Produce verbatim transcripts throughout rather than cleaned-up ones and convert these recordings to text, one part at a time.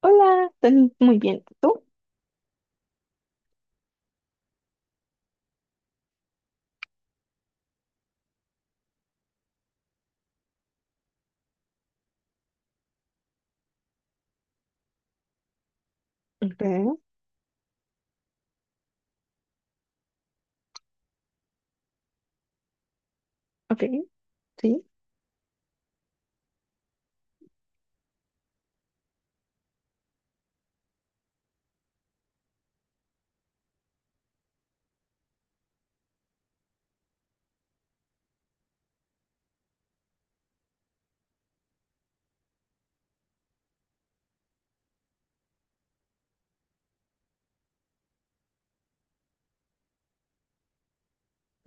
Hola, estoy muy bien. ¿Tú? Ok, ok, sí.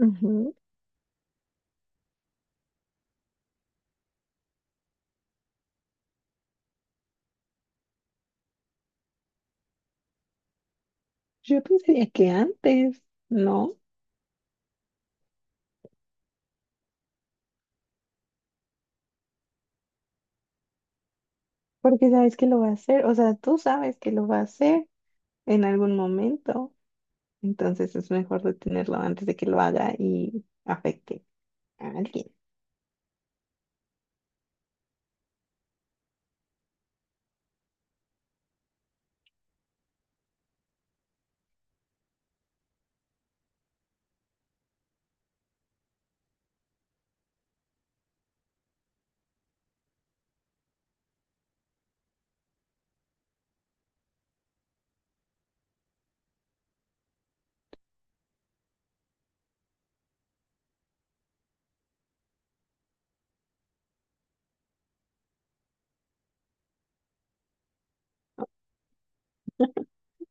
Ujú. Yo pensaría que antes, ¿no? Porque sabes que lo va a hacer, o sea, tú sabes que lo va a hacer en algún momento, entonces es mejor detenerlo antes de que lo haga y afecte a alguien.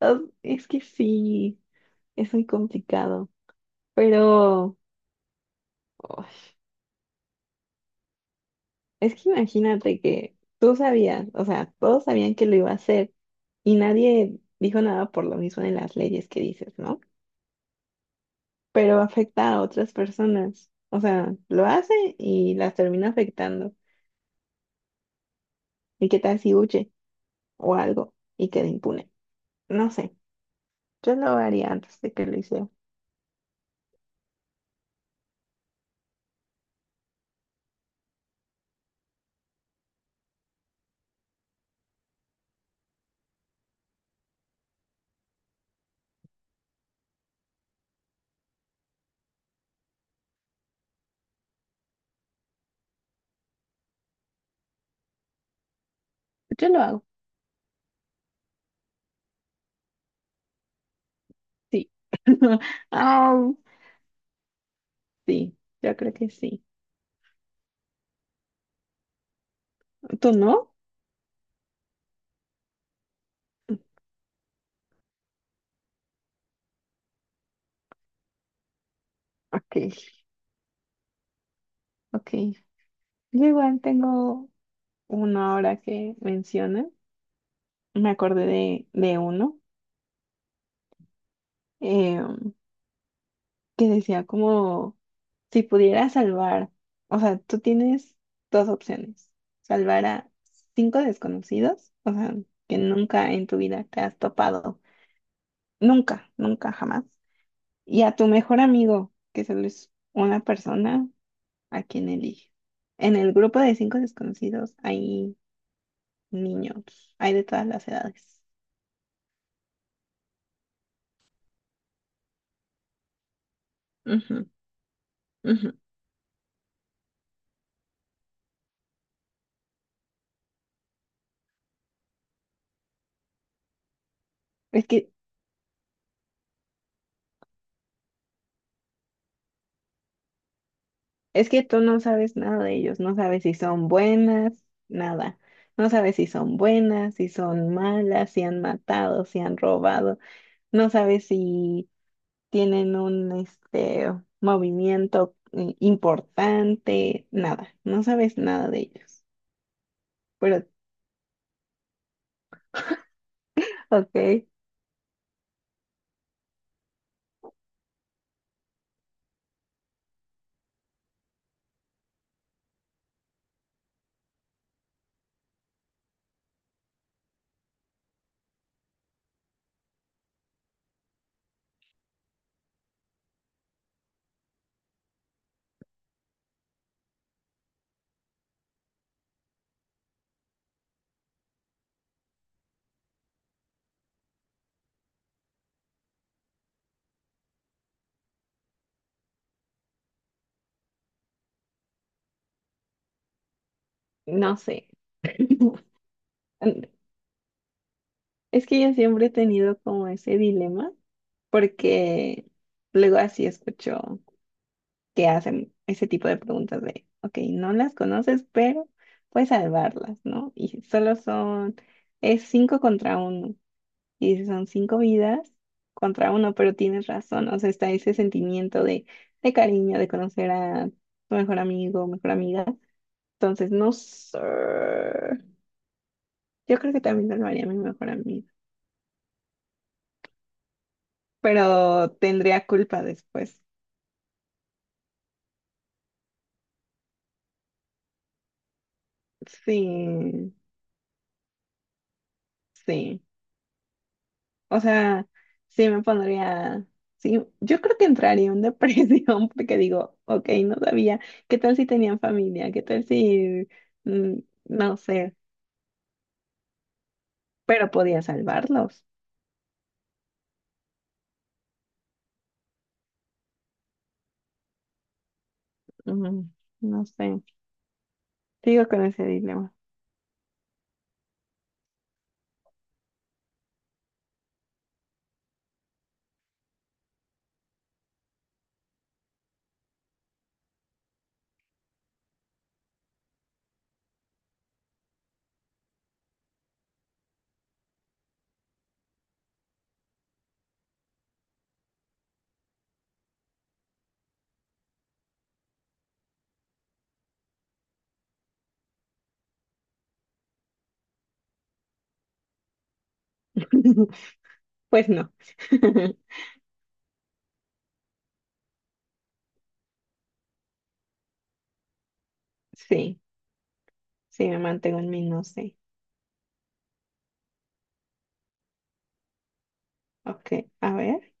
Ah, es que sí, es muy complicado, pero uy, es que imagínate que tú sabías, o sea, todos sabían que lo iba a hacer y nadie dijo nada por lo mismo de las leyes que dices, ¿no? Pero afecta a otras personas. O sea, lo hace y las termina afectando. ¿Y qué tal si huye o algo y queda impune? No sé, yo lo haría antes de que lo hiciera. Yo lo hago, sí. Au, sí, yo creo que sí. ¿Tú no? Ok, ok. Yo igual tengo uno ahora que menciona. Me acordé de, de uno. Em, que decía como, si pudiera salvar, o sea, tú tienes dos opciones, salvar a cinco desconocidos, o sea, que nunca en tu vida te has topado, nunca, nunca, jamás, y a tu mejor amigo, que solo es una persona a quien elige. En el grupo de cinco desconocidos hay niños, hay de todas las edades. Ujú, ujú. Es que Es que tú no sabes nada de ellos, no sabes si son buenas, nada. No sabes si son buenas, si son malas, si han matado, si han robado. No sabes si tienen un este movimiento eh, importante, nada. No sabes nada de ellos. Pero, ok, no sé. Mm, Es que yo siempre he tenido como ese dilema porque luego así escucho. Que hacen ese tipo de preguntas de, ok, no las conoces, pero puedes salvarlas, ¿no? Y solo son, es cinco contra uno, y son cinco vidas contra uno, pero tienes razón, o sea, está ese sentimiento de, de cariño, de conocer a tu mejor amigo, mejor amiga. Entonces, no sé, yo creo que también salvaría a mi mejor amiga, pero tendría culpa después. Sí, sí. O sea, sí me pondría, sí, yo creo que entraría en depresión porque digo, ok, no sabía, ¿qué tal si tenían familia? ¿Qué tal si, mm, no sé, pero podía salvarlos? Mm, no sé, sigo con ese dilema. Pues no. Sí, sí, me mantengo en mi no sé. Ok, a ver.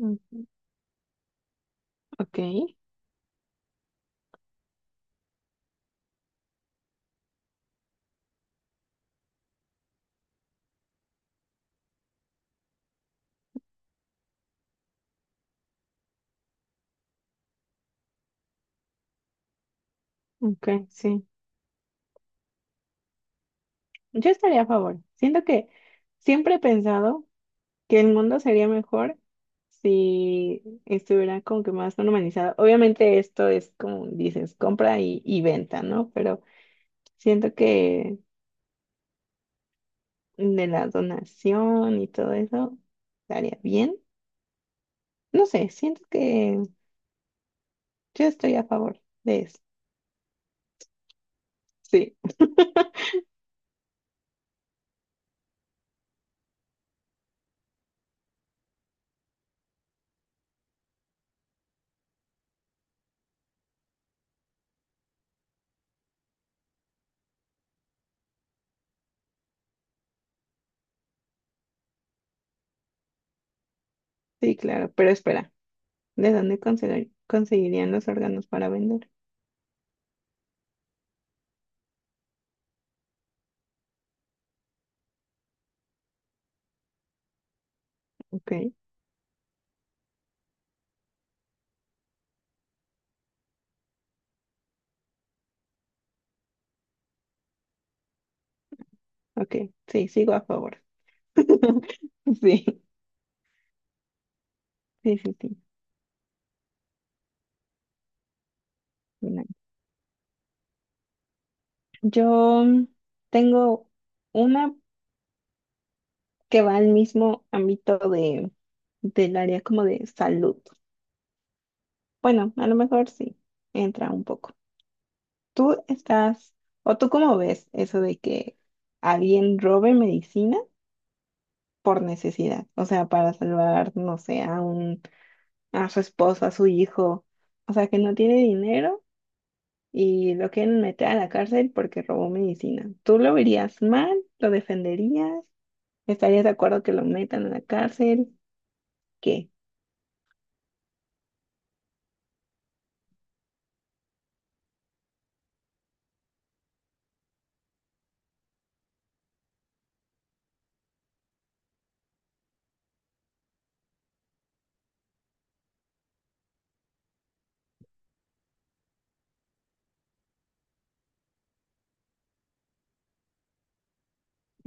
Mm. Ok, ok, sí. Yo estaría a favor. Siento que siempre he pensado. Que el mundo sería mejor si estuviera como que más normalizado. Obviamente esto es como dices, compra y, y venta, ¿no? Pero siento que de la donación y todo eso estaría bien. No sé, siento que yo estoy a favor de eso. Sí, sí, claro, pero espera, ¿de dónde conseguir- conseguirían los órganos para vender? Ok, ok, sí, sigo a favor. Sí, sí, sí, sí. Yo tengo una que va al mismo ámbito de, del área como de salud. Bueno, a lo mejor sí, entra un poco. ¿Tú estás, o tú cómo ves eso de que alguien robe medicina por necesidad? O sea, para salvar, no sé, a un, a su esposo, a su hijo. O sea, que no tiene dinero y lo quieren meter a la cárcel porque robó medicina. ¿Tú lo verías mal? ¿Lo defenderías? ¿Estarías de acuerdo que lo metan a la cárcel? ¿Qué?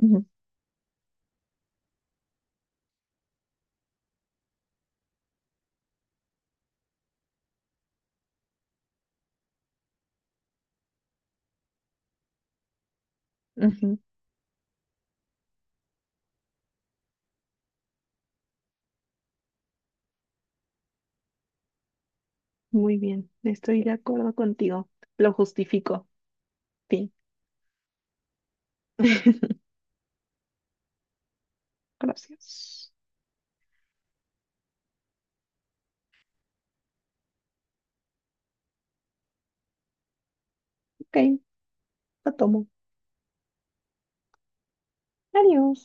Ujú, ujú. Muy bien, estoy de acuerdo contigo. Lo justifico. Fin. Gracias. Ok, lo tomo. Adiós.